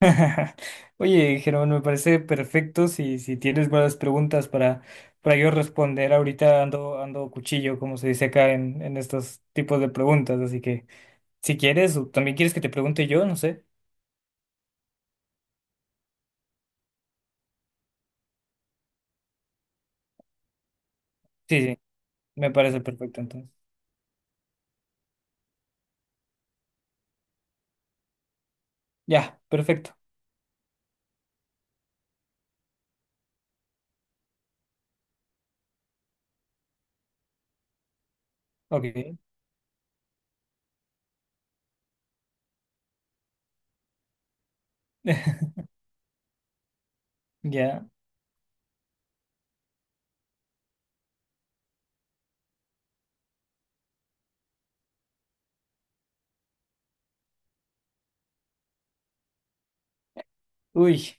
Oye, Germán, me parece perfecto si tienes buenas preguntas para yo responder. Ahorita ando cuchillo, como se dice acá en estos tipos de preguntas. Así que si quieres, o también quieres que te pregunte yo, no sé. Sí, sí, me parece perfecto entonces. Ya, perfecto. Ok. Ya. Uy,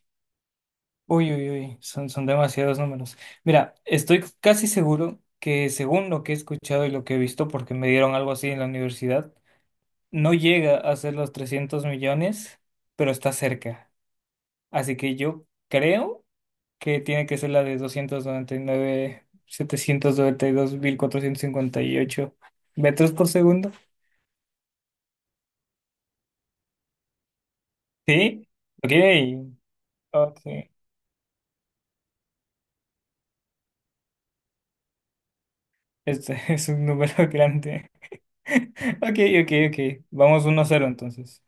uy, uy, uy. Son demasiados números. Mira, estoy casi seguro que según lo que he escuchado y lo que he visto, porque me dieron algo así en la universidad. No llega a ser los 300 millones, pero está cerca. Así que yo creo que tiene que ser la de doscientos noventa y nueve, setecientos noventa y dos mil cuatrocientos cincuenta y ocho metros por segundo. ¿Sí? Ok, ok. Es un número grande. Ok, ok, ok. Vamos 1 cero entonces.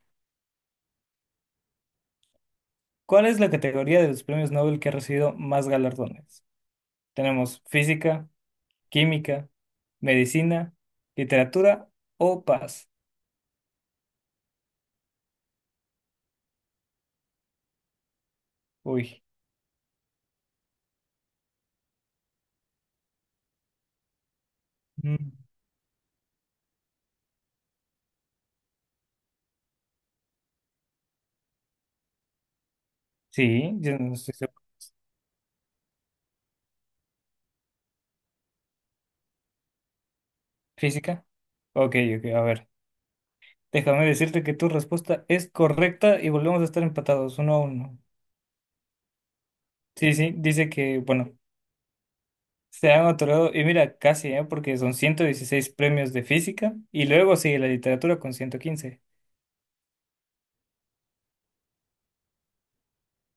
¿Cuál es la categoría de los premios Nobel que ha recibido más galardones? Tenemos física, química, medicina, literatura o paz. Uy, mm, sí, yo no estoy seguro. Física. Ok, ok, a ver. Déjame decirte que tu respuesta es correcta y volvemos a estar empatados uno a uno. Sí, sí, dice que, bueno, se han otorgado, y mira, casi, ¿eh? Porque son 116 premios de física y luego sigue la literatura con 115.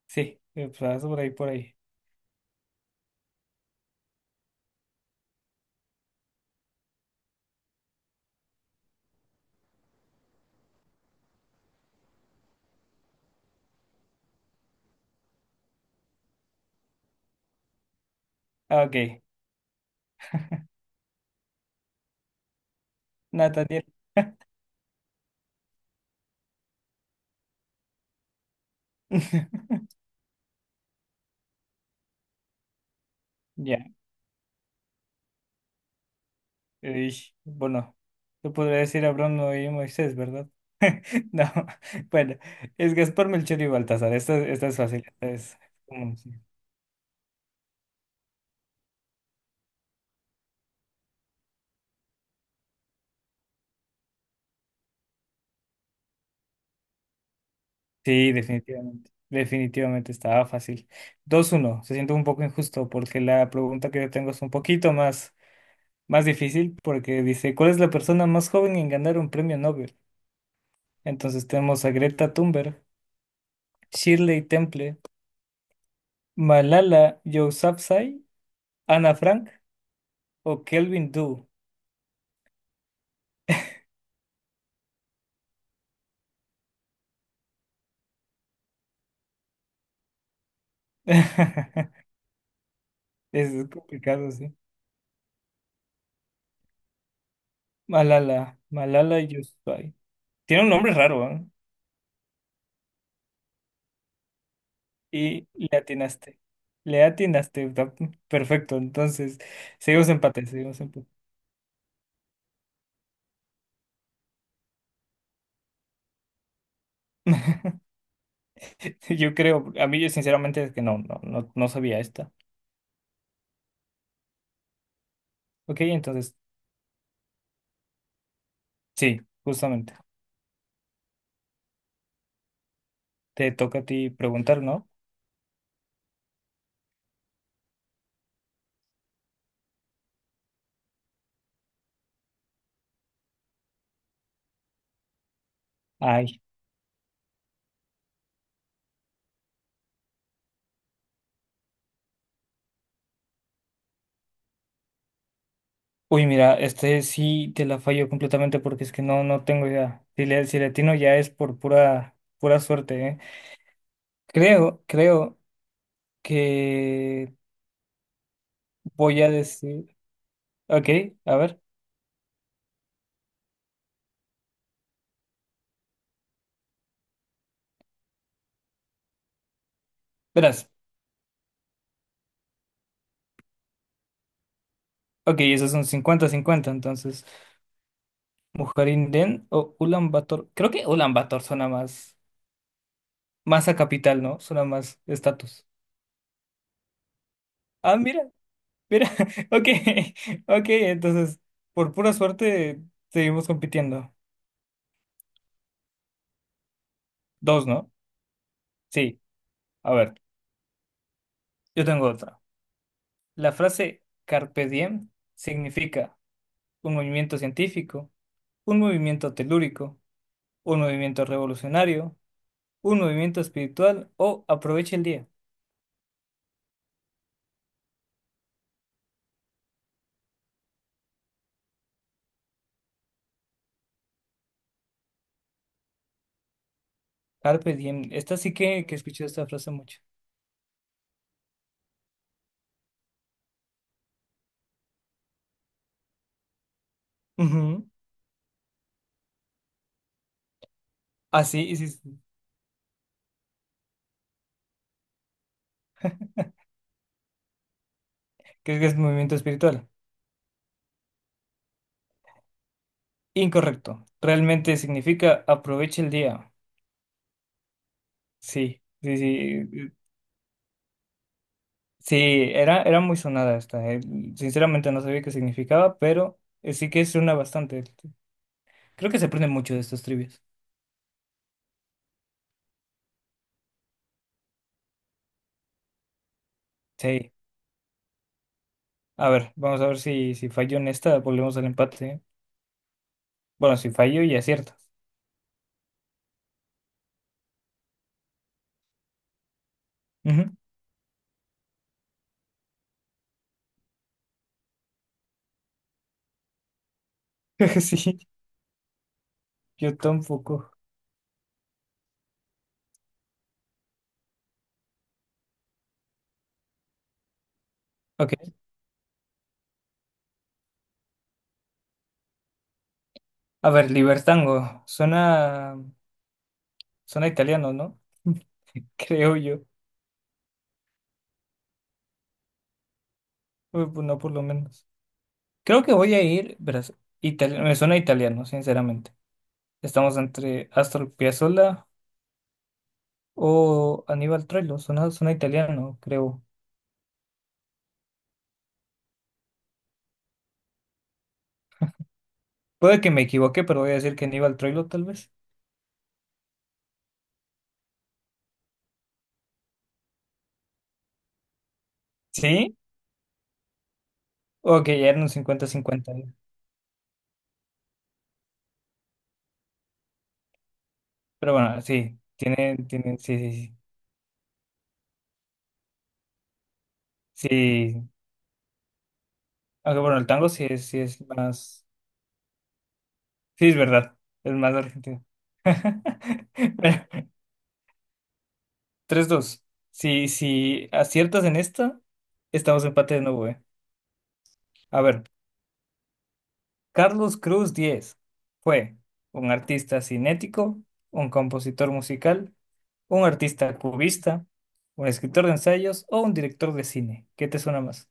Sí, pues, por ahí, por ahí. Ah, ok, Nathaniel. Ya. Ey, bueno, yo podría decir Abraham, Noé y Moisés, ¿verdad? No, bueno, es Gaspar, Melchor y Baltasar. Esta es fácil. Esta es común, sí. Sí, definitivamente. Definitivamente estaba fácil. Dos uno. Se siente un poco injusto porque la pregunta que yo tengo es un poquito más, más difícil porque dice, ¿cuál es la persona más joven en ganar un premio Nobel? Entonces tenemos a Greta Thunberg, Shirley Temple, Malala Yousafzai, Ana Frank o Kelvin Doo. Es complicado, sí. Malala, Malala Yousafzai. Tiene un nombre raro, ¿eh? Y le atinaste. Le atinaste, está perfecto. Entonces, seguimos empate, seguimos empate. Yo creo, a mí yo sinceramente es que no, no, no, no sabía esta. Ok, entonces, sí, justamente. Te toca a ti preguntar, ¿no? Ay. Uy, mira, este sí te la fallo completamente porque es que no, no tengo idea. Si le, si le atino ya es por pura, pura suerte, ¿eh? Creo, creo que voy a decir. Ok, a ver. Verás. Ok, esos son cincuenta cincuenta. Entonces, Mujerinden o Ulan Bator. Creo que Ulan Bator suena más. Más a capital, ¿no? Suena más estatus. Ah, mira, mira. Ok, ok. Entonces, por pura suerte, seguimos compitiendo. Dos, ¿no? Sí. A ver, yo tengo otra. La frase Carpe diem significa un movimiento científico, un movimiento telúrico, un movimiento revolucionario un movimiento espiritual o aprovecha el día. Carpe diem. Esta sí que escuché esta frase mucho. Ujú. Así, y sí, sí. ¿Crees que es movimiento espiritual? Incorrecto. Realmente significa aprovecha el día. Sí, sí, sí. Sí, era muy sonada esta. Sinceramente no sabía qué significaba, pero sí que es una bastante. Creo que se aprende mucho de estos trivias. Sí. A ver, vamos a ver si fallo en esta, volvemos al empate. ¿Eh? Bueno, si fallo y acierto. Ujú. Sí, yo tampoco. Ok. A ver, Libertango. Suena italiano, ¿no? Creo yo. Uy, pues no, por lo menos. Creo que voy a ir, verás, itali- me suena italiano, sinceramente. Estamos entre Astor Piazzolla o Aníbal Troilo. Suena italiano, creo. Puede que me equivoque, pero voy a decir que Aníbal Troilo, tal vez. ¿Sí? Ok, ya eran un cincuenta. 50. Pero bueno, sí, tienen, sí, sí, sí. Sí, aunque bueno, el tango sí sí es más. Sí, es verdad. Es más argentino. Mira, 3-2. Si, si aciertas en esta, estamos empate de nuevo, eh. A ver, Carlos Cruz 10 fue un artista cinético, un compositor musical, un artista cubista, un escritor de ensayos o un director de cine. ¿Qué te suena más?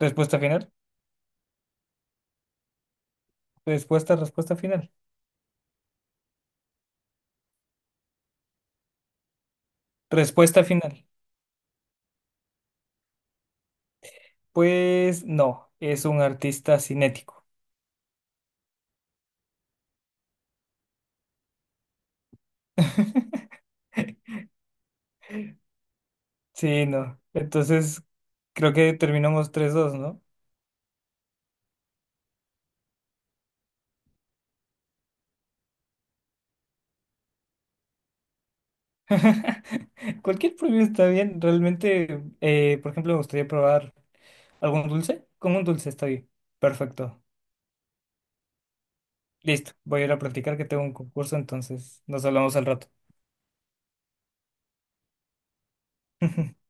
Respuesta final. Respuesta, respuesta final. Respuesta final. Pues no, es un artista cinético. Sí, no. Entonces, creo que terminamos tres dos, ¿no? Cualquier premio está bien. Realmente, por ejemplo, me gustaría probar algún dulce. Con un dulce está bien. Perfecto. Listo. Voy a ir a practicar que tengo un concurso, entonces nos hablamos al rato.